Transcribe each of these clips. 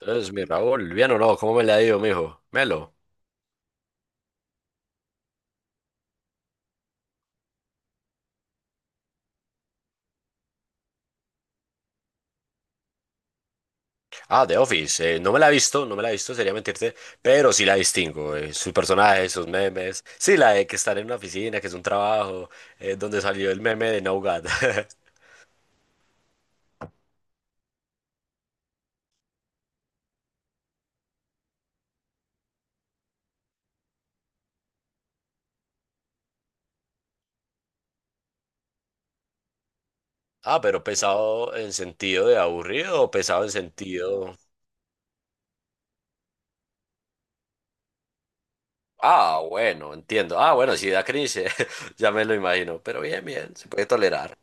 Entonces, mi Raúl, bien o no, ¿cómo me la ha ido, mijo? Melo. Ah, The Office. No me la he visto, no me la he visto, sería mentirte, pero sí la distingo. Sus personajes, sus memes. Sí, la de que estar en una oficina, que es un trabajo, donde salió el meme de No God. Ah, pero pesado en sentido de aburrido o pesado en sentido. Ah, bueno, entiendo. Ah, bueno, si da cringe, ya me lo imagino. Pero bien, bien, se puede tolerar.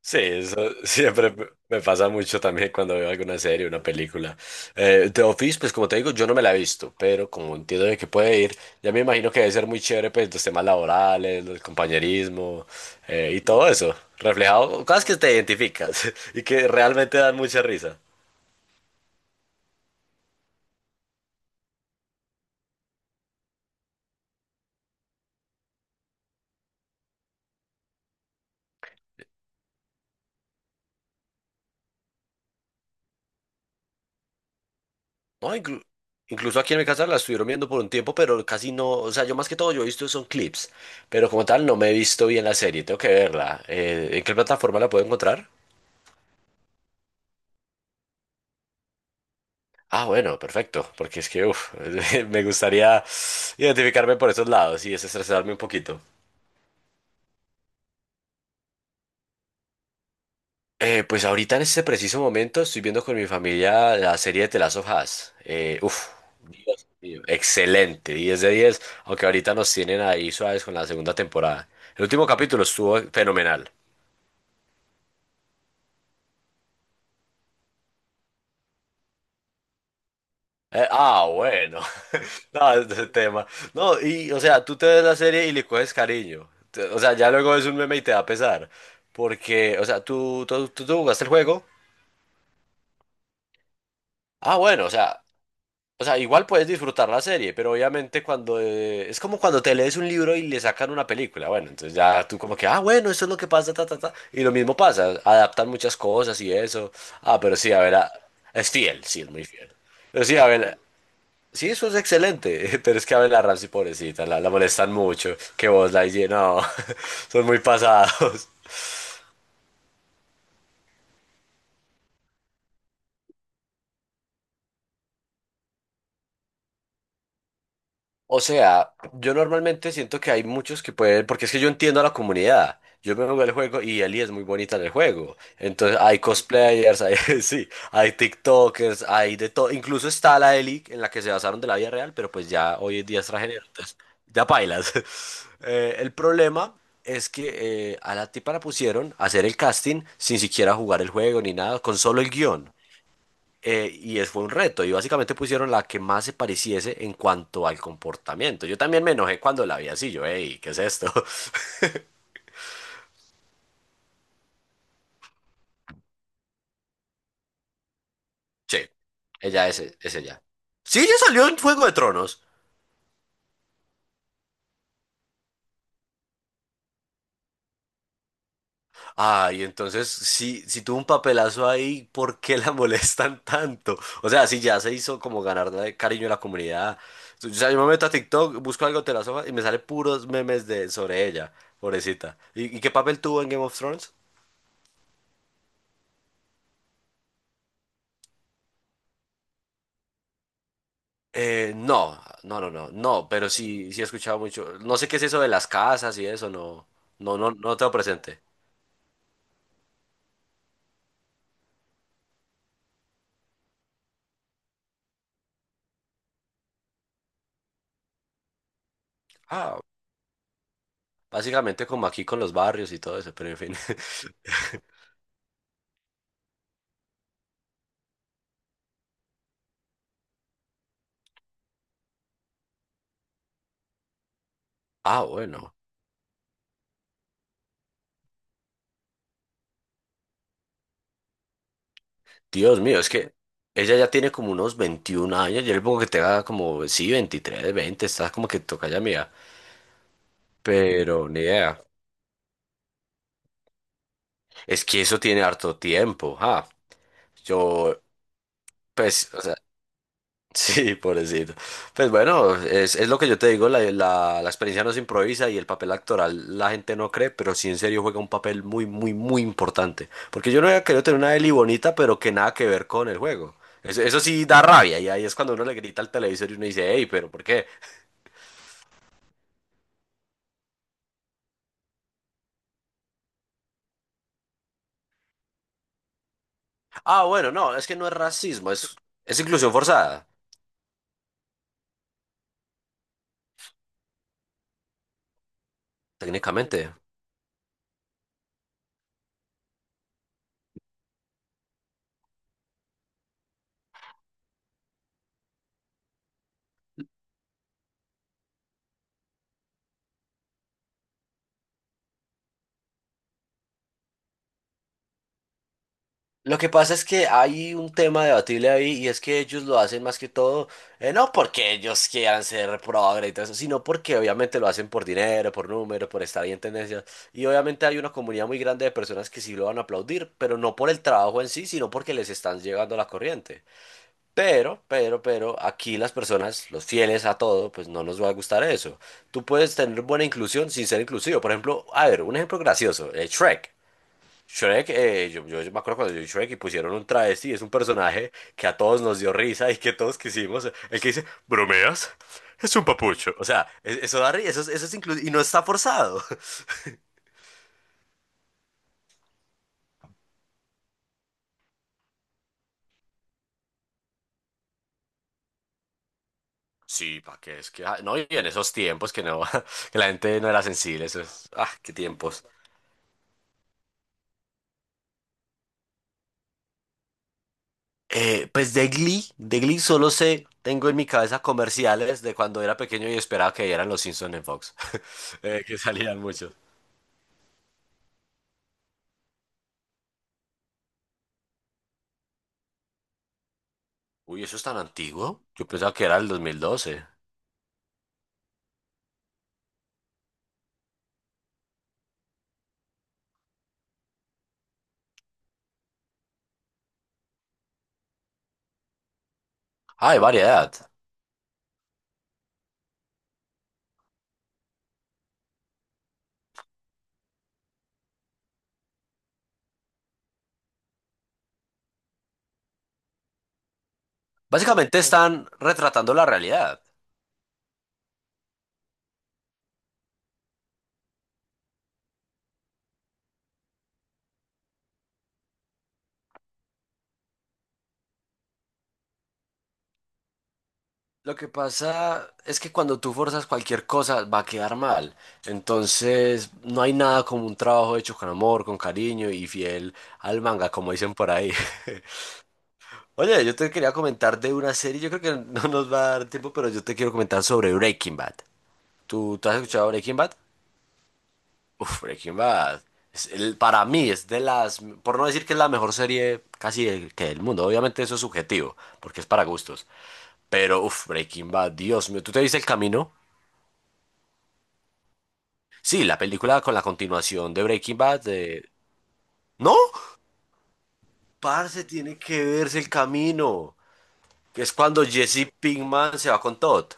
Sí, eso siempre me pasa mucho también cuando veo alguna serie, una película. The Office, pues como te digo, yo no me la he visto, pero como entiendo de que puede ir, ya me imagino que debe ser muy chévere, pues los temas laborales, el compañerismo y todo eso, reflejado, cosas que te identificas y que realmente dan mucha risa. No, incluso aquí en mi casa la estuvieron viendo por un tiempo, pero casi no, o sea, yo más que todo yo he visto son clips, pero como tal no me he visto bien la serie, tengo que verla. ¿En qué plataforma la puedo encontrar? Ah, bueno, perfecto, porque es que uf, me gustaría identificarme por esos lados y desestresarme un poquito. Pues ahorita en este preciso momento estoy viendo con mi familia la serie de The Last of Us. Uf, Dios mío, excelente, 10/10, aunque ahorita nos tienen ahí suaves con la segunda temporada. El último capítulo estuvo fenomenal. Bueno. No, ese tema. No, y, o sea, tú te ves la serie y le coges cariño. O sea, ya luego es un meme y te da pesar. Porque, o sea, tú jugaste el juego. Ah, bueno, o sea, igual puedes disfrutar la serie, pero obviamente cuando es como cuando te lees un libro y le sacan una película. Bueno, entonces ya tú como que, ah, bueno, eso es lo que pasa, ta, ta, ta. Y lo mismo pasa, adaptan muchas cosas y eso. Ah, pero sí, a ver, es fiel, sí, es muy fiel. Pero sí, a ver, sí, eso es excelente, pero es que a ver la Ramsey, pobrecita, la molestan mucho, que vos la higiene, no, son muy pasados. O sea, yo normalmente siento que hay muchos que pueden, porque es que yo entiendo a la comunidad. Yo me jugué el juego y Ellie es muy bonita en el juego. Entonces hay cosplayers, hay, sí, hay TikTokers, hay de todo. Incluso está la Ellie en la que se basaron de la vida real, pero pues ya hoy en día es transgénero, entonces ya pailas. El problema es que a la tipa la pusieron a hacer el casting sin siquiera jugar el juego ni nada, con solo el guión. Y es, fue un reto, y básicamente pusieron la que más se pareciese en cuanto al comportamiento. Yo también me enojé cuando la vi así, yo, hey, ¿qué es esto? Sí, ella es ella. Sí, ella salió en Fuego de Tronos. Ay, entonces, si tuvo un papelazo ahí, ¿por qué la molestan tanto? O sea, si ya se hizo como ganar de cariño de la comunidad. O sea, yo me meto a TikTok, busco algo de las hojas y me sale puros memes de, sobre ella, pobrecita. ¿Y qué papel tuvo en Game of Thrones? No, no, no, no, no, pero sí, sí he escuchado mucho. No sé qué es eso de las casas y eso, no, no, no, no tengo presente. Ah, básicamente como aquí con los barrios y todo eso, pero en fin. Ah, bueno. Dios mío, es que ella ya tiene como unos 21 años. Yo le pongo que tenga como, sí, 23, 20. Está como que toca ya mía. Pero ni idea. Es que eso tiene harto tiempo, ja. Yo, pues, o sea, sí, pobrecito. Pues bueno, es lo que yo te digo, la experiencia no se improvisa y el papel actoral la gente no cree, pero sí en serio juega un papel muy, muy, muy importante. Porque yo no había querido tener una Eli bonita, pero que nada que ver con el juego. Eso sí da rabia y ahí es cuando uno le grita al televisor y uno dice, hey, pero ¿por qué? Ah, bueno, no, es que no es racismo, es inclusión forzada, técnicamente. Lo que pasa es que hay un tema debatible ahí y es que ellos lo hacen más que todo, no porque ellos quieran ser progre y todo eso, sino porque obviamente lo hacen por dinero, por número, por estar ahí en tendencia. Y obviamente hay una comunidad muy grande de personas que sí lo van a aplaudir, pero no por el trabajo en sí, sino porque les están llegando la corriente. Pero, aquí las personas, los fieles a todo, pues no nos va a gustar eso. Tú puedes tener buena inclusión sin ser inclusivo. Por ejemplo, a ver, un ejemplo gracioso, Shrek. Shrek, yo me acuerdo cuando yo vi Shrek y pusieron un travesti, es un personaje que a todos nos dio risa y que todos quisimos. El que dice, ¿bromeas? Es un papucho. O sea, eso da risa, eso, eso es incluso, y no está forzado. Sí, pa' qué es que, ah, no, y en esos tiempos que no, que la gente no era sensible, eso es, ah, qué tiempos. Pues de Glee, solo sé, tengo en mi cabeza comerciales de cuando era pequeño y esperaba que eran los Simpsons en Fox, que salían muchos. Uy, ¿eso es tan antiguo? Yo pensaba que era el 2012. Ah, hay variedad. Básicamente están retratando la realidad. Lo que pasa es que cuando tú forzas cualquier cosa va a quedar mal. Entonces, no hay nada como un trabajo hecho con amor, con cariño y fiel al manga, como dicen por ahí. Oye, yo te quería comentar de una serie, yo creo que no nos va a dar tiempo, pero yo te quiero comentar sobre Breaking Bad. ¿Tú has escuchado Breaking Bad? Uf, Breaking Bad. Es para mí es de las, por no decir que es la mejor serie casi del, que del mundo, obviamente eso es subjetivo, porque es para gustos. Pero, uf, Breaking Bad, Dios mío, ¿tú te viste El Camino? Sí, la película con la continuación de Breaking Bad. No, parce, tiene que verse El Camino, que es cuando Jesse Pinkman se va con Todd.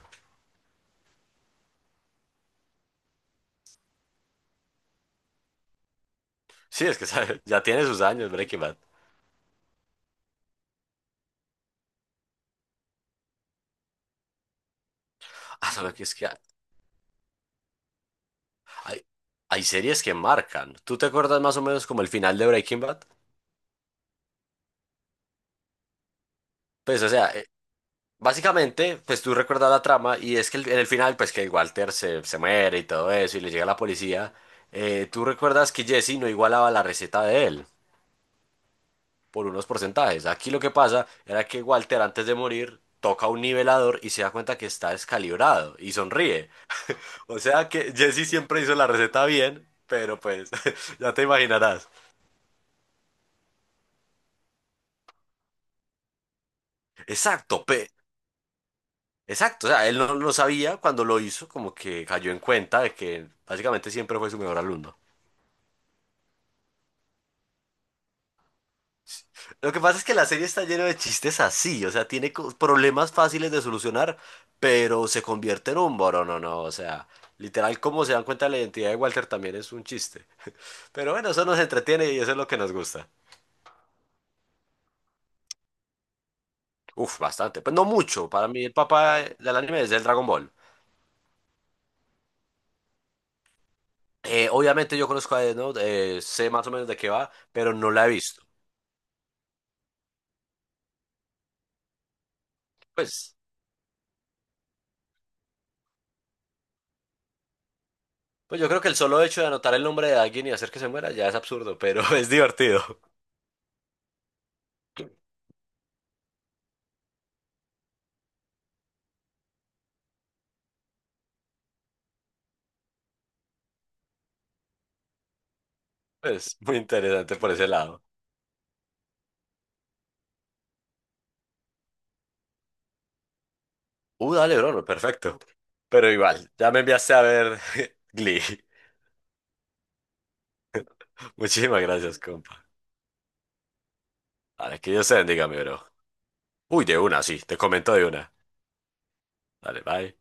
Sí, es que sabe, ya tiene sus años Breaking Bad. Ah, solo que es que hay, hay series que marcan. ¿Tú te acuerdas más o menos como el final de Breaking Bad? Pues, o sea, básicamente, pues tú recuerdas la trama y es que en el final, pues que Walter se muere y todo eso y le llega la policía, tú recuerdas que Jesse no igualaba la receta de él por unos porcentajes. Aquí lo que pasa era que Walter antes de morir toca un nivelador y se da cuenta que está descalibrado y sonríe. O sea que Jesse siempre hizo la receta bien, pero pues ya te imaginarás. Exacto, Exacto, o sea, él no lo sabía cuando lo hizo, como que cayó en cuenta de que básicamente siempre fue su mejor alumno. Lo que pasa es que la serie está llena de chistes así, o sea, tiene problemas fáciles de solucionar, pero se convierte en un boro, no, no, o sea, literal, como se dan cuenta de la identidad de Walter también es un chiste. Pero bueno, eso nos entretiene y eso es lo que nos gusta. Uf, bastante, pues no mucho, para mí el papá del anime es el Dragon Ball. Obviamente yo conozco a Death Note, sé más o menos de qué va, pero no la he visto. Pues, pues yo creo que el solo hecho de anotar el nombre de alguien y hacer que se muera ya es absurdo, pero es divertido. Es muy interesante por ese lado. Dale, bro, perfecto. Pero igual, ya me enviaste a ver Glee. Muchísimas gracias, compa. Dale, que Dios te bendiga, mi bro. Uy, de una, sí, te comento de una. Dale, bye.